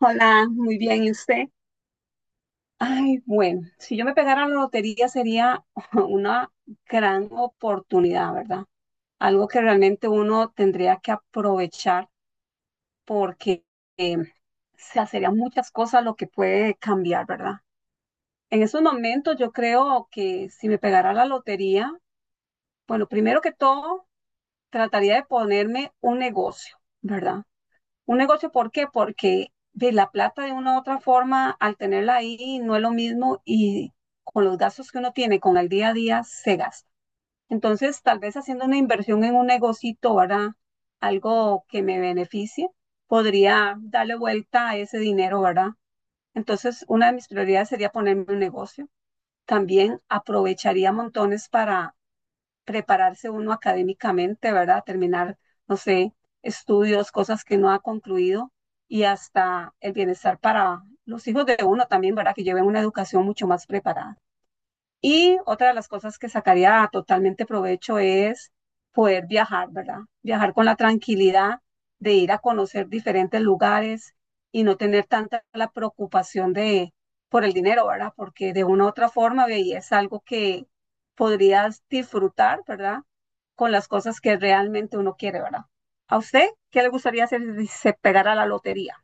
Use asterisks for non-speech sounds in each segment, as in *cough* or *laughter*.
Hola, muy bien. ¿Y usted? Ay, bueno, si yo me pegara la lotería sería *laughs* una gran oportunidad, ¿verdad? Algo que realmente uno tendría que aprovechar porque eh, se hacerían muchas cosas lo que puede cambiar, ¿verdad? En esos momentos yo creo que si me pegara la lotería, bueno, primero que todo, trataría de ponerme un negocio, ¿verdad? Un negocio, ¿por qué? Porque de la plata de una u otra forma, al tenerla ahí, no es lo mismo y con los gastos que uno tiene, con el día a día, se gasta. Entonces, tal vez haciendo una inversión en un negocito, ¿verdad? Algo que me beneficie, podría darle vuelta a ese dinero, ¿verdad? Entonces, una de mis prioridades sería ponerme un negocio. También aprovecharía montones para prepararse uno académicamente, ¿verdad? Terminar, no sé, estudios, cosas que no ha concluido y hasta el bienestar para los hijos de uno también, ¿verdad? Que lleven una educación mucho más preparada. Y otra de las cosas que sacaría totalmente provecho es poder viajar, ¿verdad? Viajar con la tranquilidad de ir a conocer diferentes lugares y no tener tanta la preocupación de por el dinero, ¿verdad? Porque de una u otra forma, ve, y es algo que podrías disfrutar, ¿verdad? Con las cosas que realmente uno quiere, ¿verdad? ¿A usted qué le gustaría hacer si se pegara la lotería?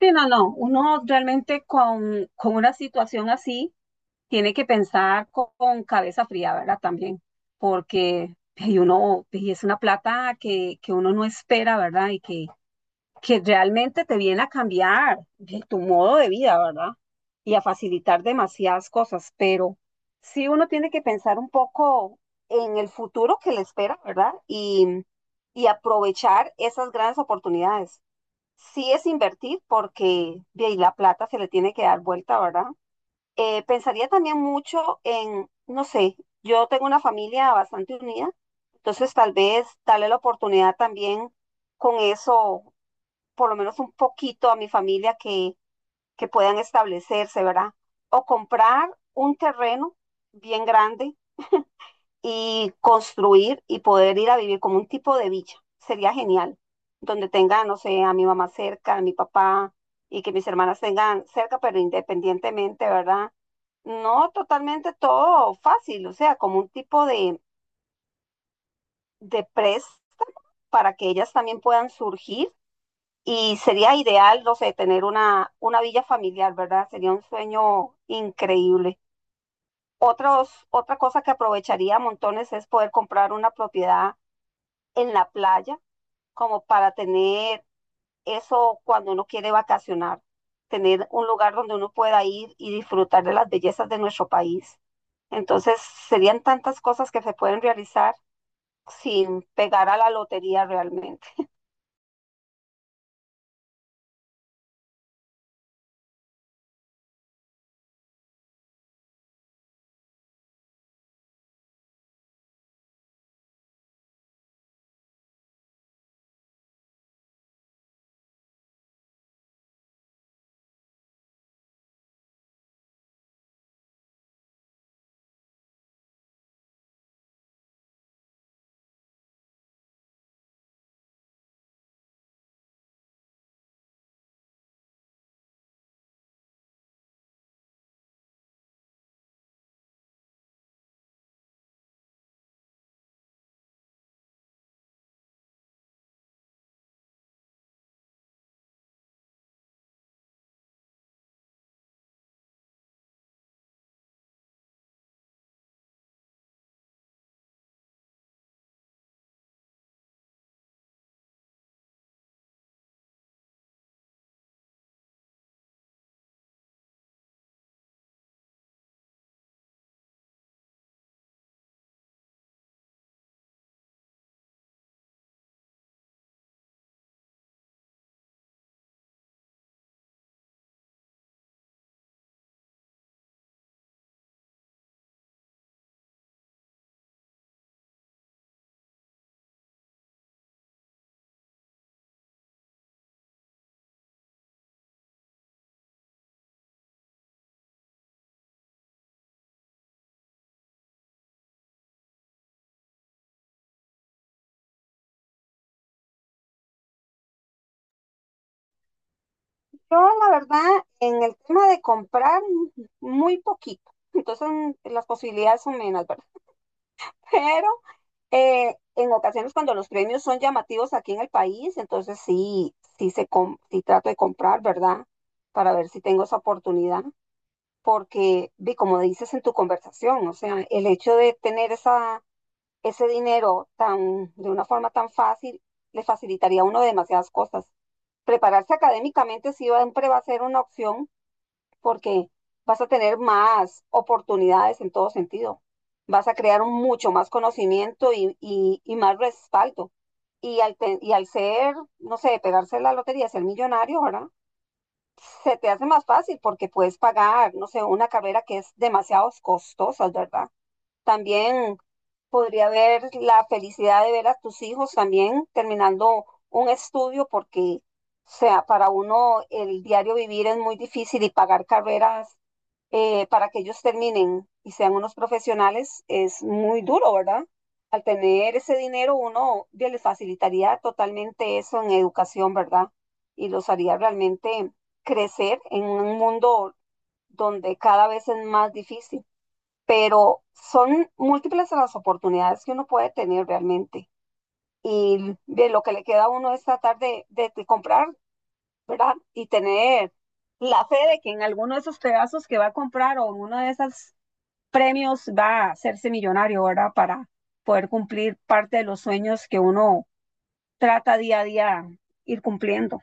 Sí, no, no. Uno realmente con una situación así tiene que pensar con cabeza fría, ¿verdad? También, porque y uno y es una plata que uno no espera, ¿verdad? Y que realmente te viene a cambiar de tu modo de vida, ¿verdad? Y a facilitar demasiadas cosas, pero sí uno tiene que pensar un poco en el futuro que le espera, ¿verdad? Y aprovechar esas grandes oportunidades. Sí es invertir porque de ahí la plata se le tiene que dar vuelta, ¿verdad? Pensaría también mucho en, no sé, yo tengo una familia bastante unida, entonces tal vez darle la oportunidad también con eso por lo menos un poquito a mi familia que puedan establecerse, ¿verdad? O comprar un terreno bien grande y construir y poder ir a vivir como un tipo de villa. Sería genial, donde tenga, no sé, a mi mamá cerca, a mi papá y que mis hermanas tengan cerca, pero independientemente, ¿verdad? No totalmente todo fácil, o sea, como un tipo de préstamo para que ellas también puedan surgir. Y sería ideal, no sé, tener una villa familiar, ¿verdad? Sería un sueño increíble. Otra cosa que aprovecharía montones es poder comprar una propiedad en la playa, como para tener eso cuando uno quiere vacacionar, tener un lugar donde uno pueda ir y disfrutar de las bellezas de nuestro país. Entonces, serían tantas cosas que se pueden realizar sin pegar a la lotería realmente. Yo, la verdad, en el tema de comprar, muy poquito. Entonces, las posibilidades son menos, ¿verdad? *laughs* Pero en ocasiones cuando los premios son llamativos aquí en el país, entonces sí, sí, sí trato de comprar, ¿verdad? Para ver si tengo esa oportunidad. Porque, vi, como dices en tu conversación, o sea, el hecho de tener esa, ese dinero tan, de una forma tan fácil, le facilitaría a uno demasiadas cosas. Prepararse académicamente sí siempre va a ser una opción porque vas a tener más oportunidades en todo sentido. Vas a crear un mucho más conocimiento y más respaldo. Y al ser, no sé, pegarse la lotería, ser millonario, ¿verdad? Se te hace más fácil porque puedes pagar, no sé, una carrera que es demasiado costosa, ¿verdad? También podría haber la felicidad de ver a tus hijos también terminando un estudio porque, o sea, para uno el diario vivir es muy difícil y pagar carreras para que ellos terminen y sean unos profesionales es muy duro, ¿verdad? Al tener ese dinero uno ya les facilitaría totalmente eso en educación, ¿verdad? Y los haría realmente crecer en un mundo donde cada vez es más difícil pero son múltiples las oportunidades que uno puede tener realmente. Y de lo que le queda a uno es tratar de comprar, ¿verdad? Y tener la fe de que en alguno de esos pedazos que va a comprar o en uno de esos premios va a hacerse millonario, ¿verdad? Para poder cumplir parte de los sueños que uno trata día a día ir cumpliendo.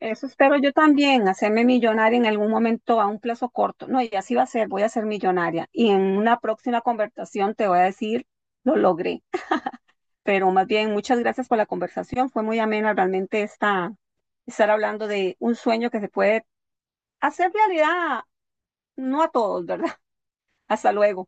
Eso espero yo también, hacerme millonaria en algún momento a un plazo corto. No, y así va a ser, voy a ser millonaria. Y en una próxima conversación te voy a decir, lo logré. Pero más bien, muchas gracias por la conversación. Fue muy amena realmente esta, estar hablando de un sueño que se puede hacer realidad, no a todos, ¿verdad? *laughs* Hasta luego.